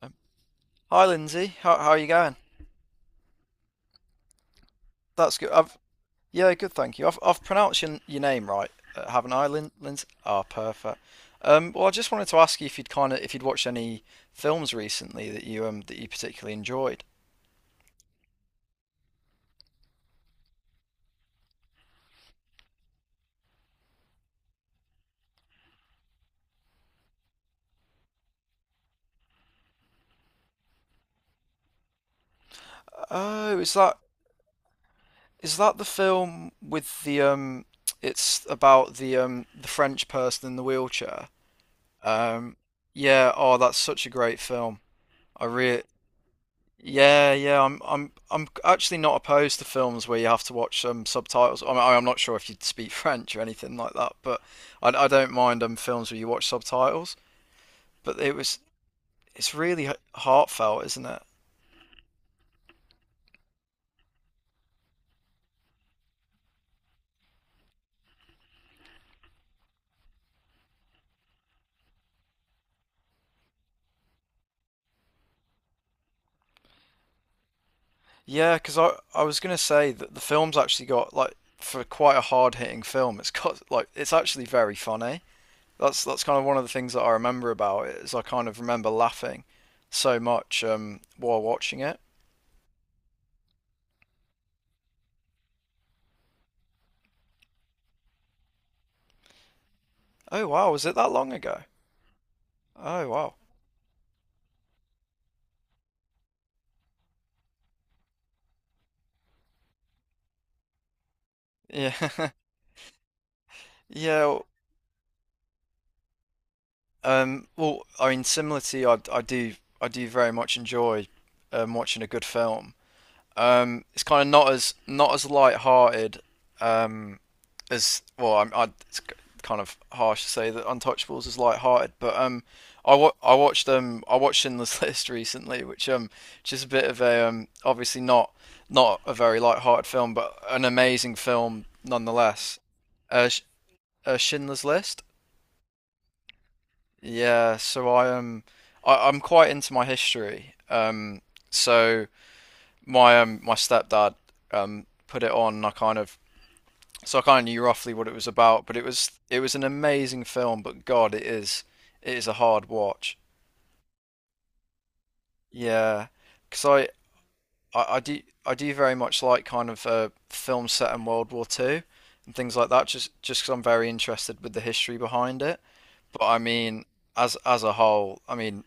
Um, Hi, Lindsay. How are you going? That's good. Yeah, good, thank you. I've pronounced your name right, haven't I, Lindsay? Ah, perfect. Well, I just wanted to ask you if you'd watched any films recently that you particularly enjoyed. Oh, is that the film with the? It's about the French person in the wheelchair. Um, yeah. Oh, that's such a great film. I really Yeah, yeah, I'm actually not opposed to films where you have to watch subtitles. I mean, I'm not sure if you speak French or anything like that, but I don't mind films where you watch subtitles. But it was It's really heartfelt, isn't it? Yeah, because I was gonna say that the film's actually got like, for quite a hard-hitting film, it's got like it's actually very funny. That's kind of one of the things that I remember about it, is I kind of remember laughing so much while watching it. Oh wow, was it that long ago? Oh wow. Yeah, yeah. Well, I mean, similar to you, I do very much enjoy watching a good film. It's kind of not as light-hearted um, as well. It's kind of harsh to say that Untouchables is light-hearted, but I watched Schindler's List recently, which is a bit of a obviously not a very light-hearted film, but an amazing film nonetheless. Uh, Sh- Schindler's List. Yeah, I'm quite into my history. So my stepdad put it on, and I kind of knew roughly what it was about, but it was an amazing film, but God, it is a hard watch. Yeah, because I I do I do very much like films set in World War Two and things like that, just 'cause I'm very interested with the history behind it. But I mean, as a whole, I mean,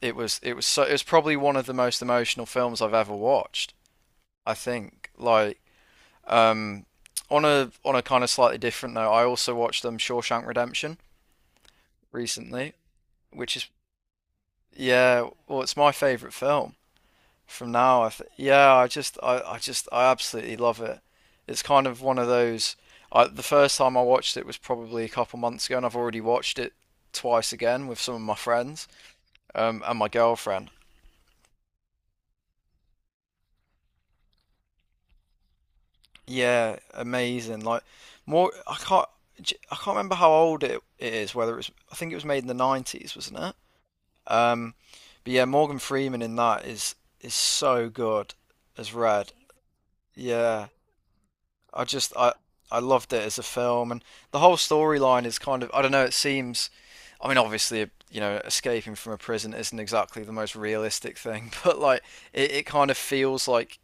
it was, so it was probably one of the most emotional films I've ever watched. I think like, um, on a kind of slightly different note, I also watched Shawshank Redemption recently, which is, yeah, well, it's my favorite film from now. Yeah, I absolutely love it. It's kind of one of those. The first time I watched it was probably a couple months ago, and I've already watched it twice again with some of my friends, and my girlfriend. Yeah, amazing. Like more, I can't, j- I can't remember how old it is. I think it was made in the 90s, wasn't it? Um, but yeah, Morgan Freeman in that is so good as Red. Yeah, I I loved it as a film, and the whole storyline is kind of, I don't know. It seems, I mean, obviously, you know, escaping from a prison isn't exactly the most realistic thing, but like, it kind of feels like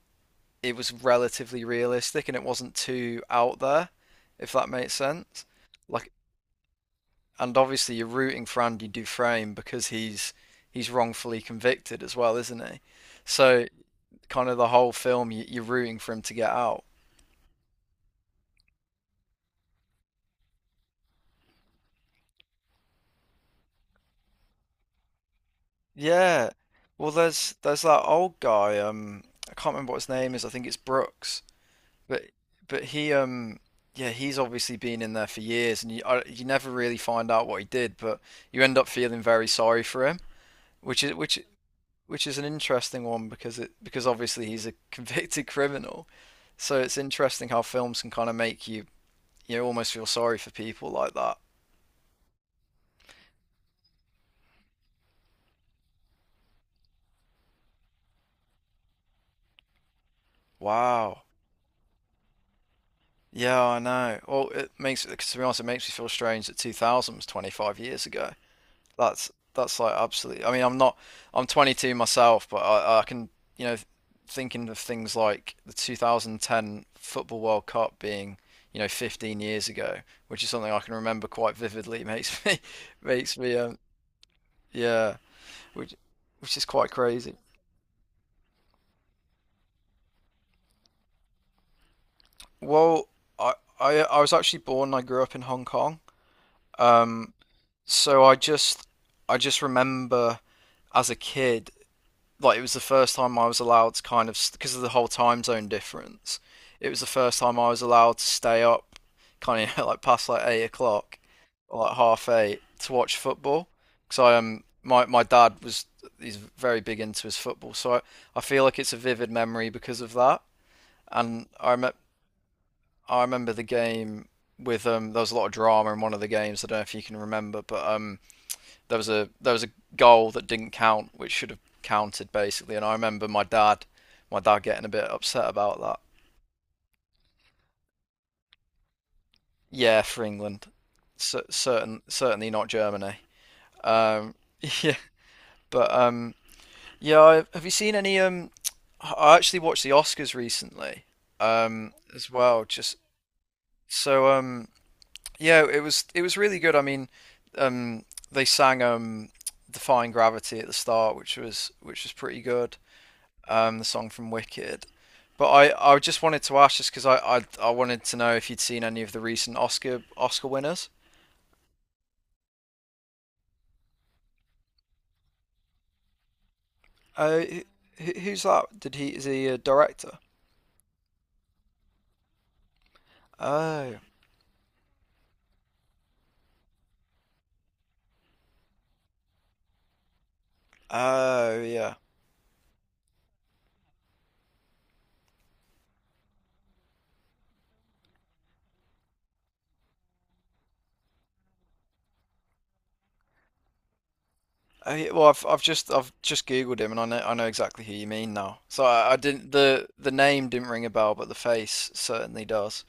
it was relatively realistic and it wasn't too out there, if that makes sense. Like, and obviously you're rooting for Andy Dufresne because he's wrongfully convicted as well, isn't he? So kind of the whole film you're rooting for him to get out. Yeah. Well, there's that old guy. I can't remember what his name is. I think it's Brooks. But he um, yeah, he's obviously been in there for years, and you never really find out what he did, but you end up feeling very sorry for him, which is an interesting one, because it because obviously he's a convicted criminal, so it's interesting how films can kind of make you, you know, almost feel sorry for people like that. Wow. Yeah, I know. Well, it makes to be honest, it makes me feel strange that 2000 was 25 years ago. That's like, absolutely. I mean, I'm not. I'm 22 myself, but I can, you know, thinking of things like the 2010 Football World Cup being, you know, 15 years ago, which is something I can remember quite vividly. It makes me makes me yeah, which which is quite crazy. Well, I I was actually born and I grew up in Hong Kong. Um, so I just remember, as a kid, like it was the first time I was allowed to, kind of, because of the whole time zone difference. It was the first time I was allowed to stay up, kind of like past like 8 o'clock, or like half eight to watch football. Because I my dad was, he's very big into his football, so I feel like it's a vivid memory because of that. And I rem- I remember the game with, there was a lot of drama in one of the games. I don't know if you can remember, but um, there was a goal that didn't count, which should have counted, basically. And I remember my dad getting a bit upset about that. Yeah, for England, certainly not Germany. Um, yeah, but yeah, have you seen any? I actually watched the Oscars recently, as well. Just so yeah, it was really good. I mean, um, they sang "Defying Gravity" at the start, which was pretty good. Um, the song from Wicked. But I just wanted to ask just because I wanted to know if you'd seen any of the recent Oscar winners. Uh, who's that? Did he, is he a director? Oh, oh yeah. Oh, yeah, well, I've just Googled him, and I know exactly who you mean now. So I didn't, the name didn't ring a bell, but the face certainly does.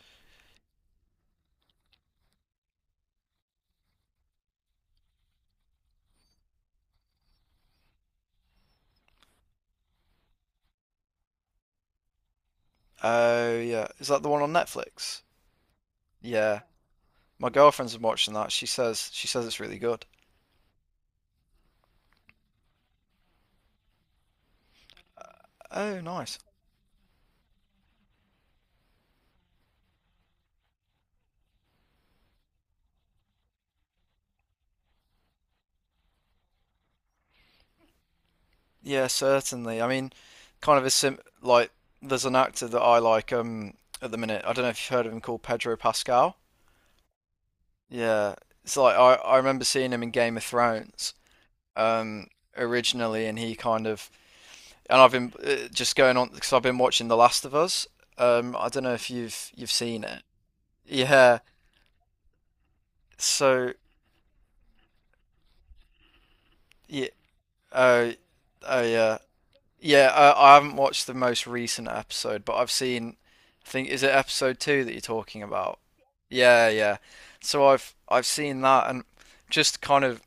Oh yeah, is that the one on Netflix? Yeah, my girlfriend's been watching that. She says it's really good. Oh, nice. Yeah, certainly. I mean, kind of a sim like there's an actor that I like at the minute. I don't know if you've heard of him, called Pedro Pascal. Yeah. It's like, I remember seeing him in Game of Thrones um originally, and he kind of and I've been just going on because I've been watching The Last of Us. Um, I don't know if you've seen it. Yeah. So yeah, oh oh yeah. Yeah, I haven't watched the most recent episode, but I've seen. I think is it episode two that you're talking about? Yeah, yeah. So I've seen that, and just kind of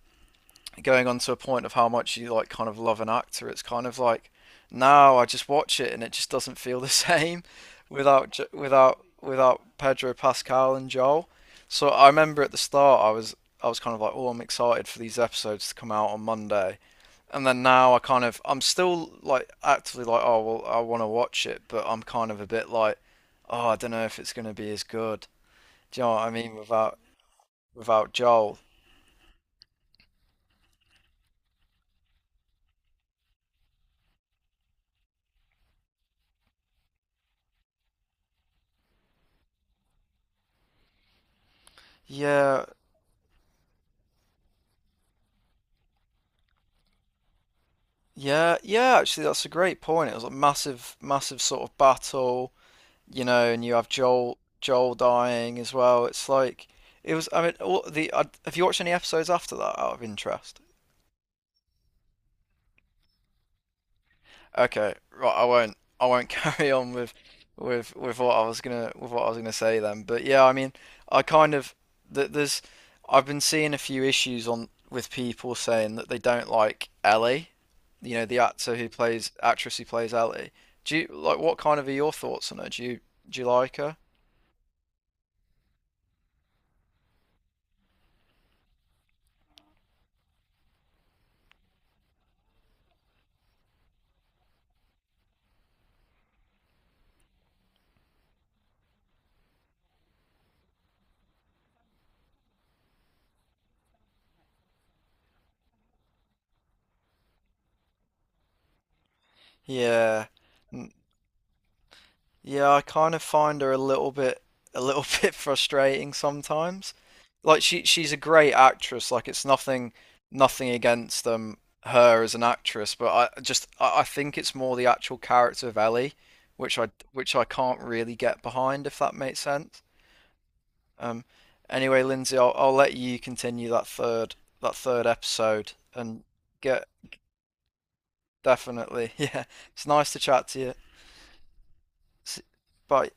going on to a point of how much you like, kind of, love an actor. It's kind of like, now I just watch it, and it just doesn't feel the same without without Pedro Pascal and Joel. So I remember at the start, I was kind of like, oh, I'm excited for these episodes to come out on Monday, and then now I kind of, I'm still like actively like, oh, well, I want to watch it, but I'm kind of a bit like, oh, I don't know if it's going to be as good. Do you know what I mean? Without Joel, yeah, yeah, yeah. Actually, that's a great point. It was a massive, massive sort of battle, you know, and you have Joel dying as well. It's like it was. I mean, have you watched any episodes after that, out of interest? Okay, right. I won't. I won't carry on with with what I was gonna say then. But yeah, I mean, I kind of th there's I've been seeing a few issues on with people saying that they don't like Ellie, you know, the actor who plays, actress who plays Ellie. Do you like what kind of are your thoughts on her? Do you like her? Yeah. Yeah, I kind of find her a little bit, a little bit frustrating sometimes. Like, she's a great actress. Like, it's nothing, against her as an actress, but I think it's more the actual character of Ellie, which I can't really get behind, if that makes sense. Um, anyway, Lindsay, I'll let you continue that third episode and get, definitely. Yeah. It's nice to chat to you. S- Bye.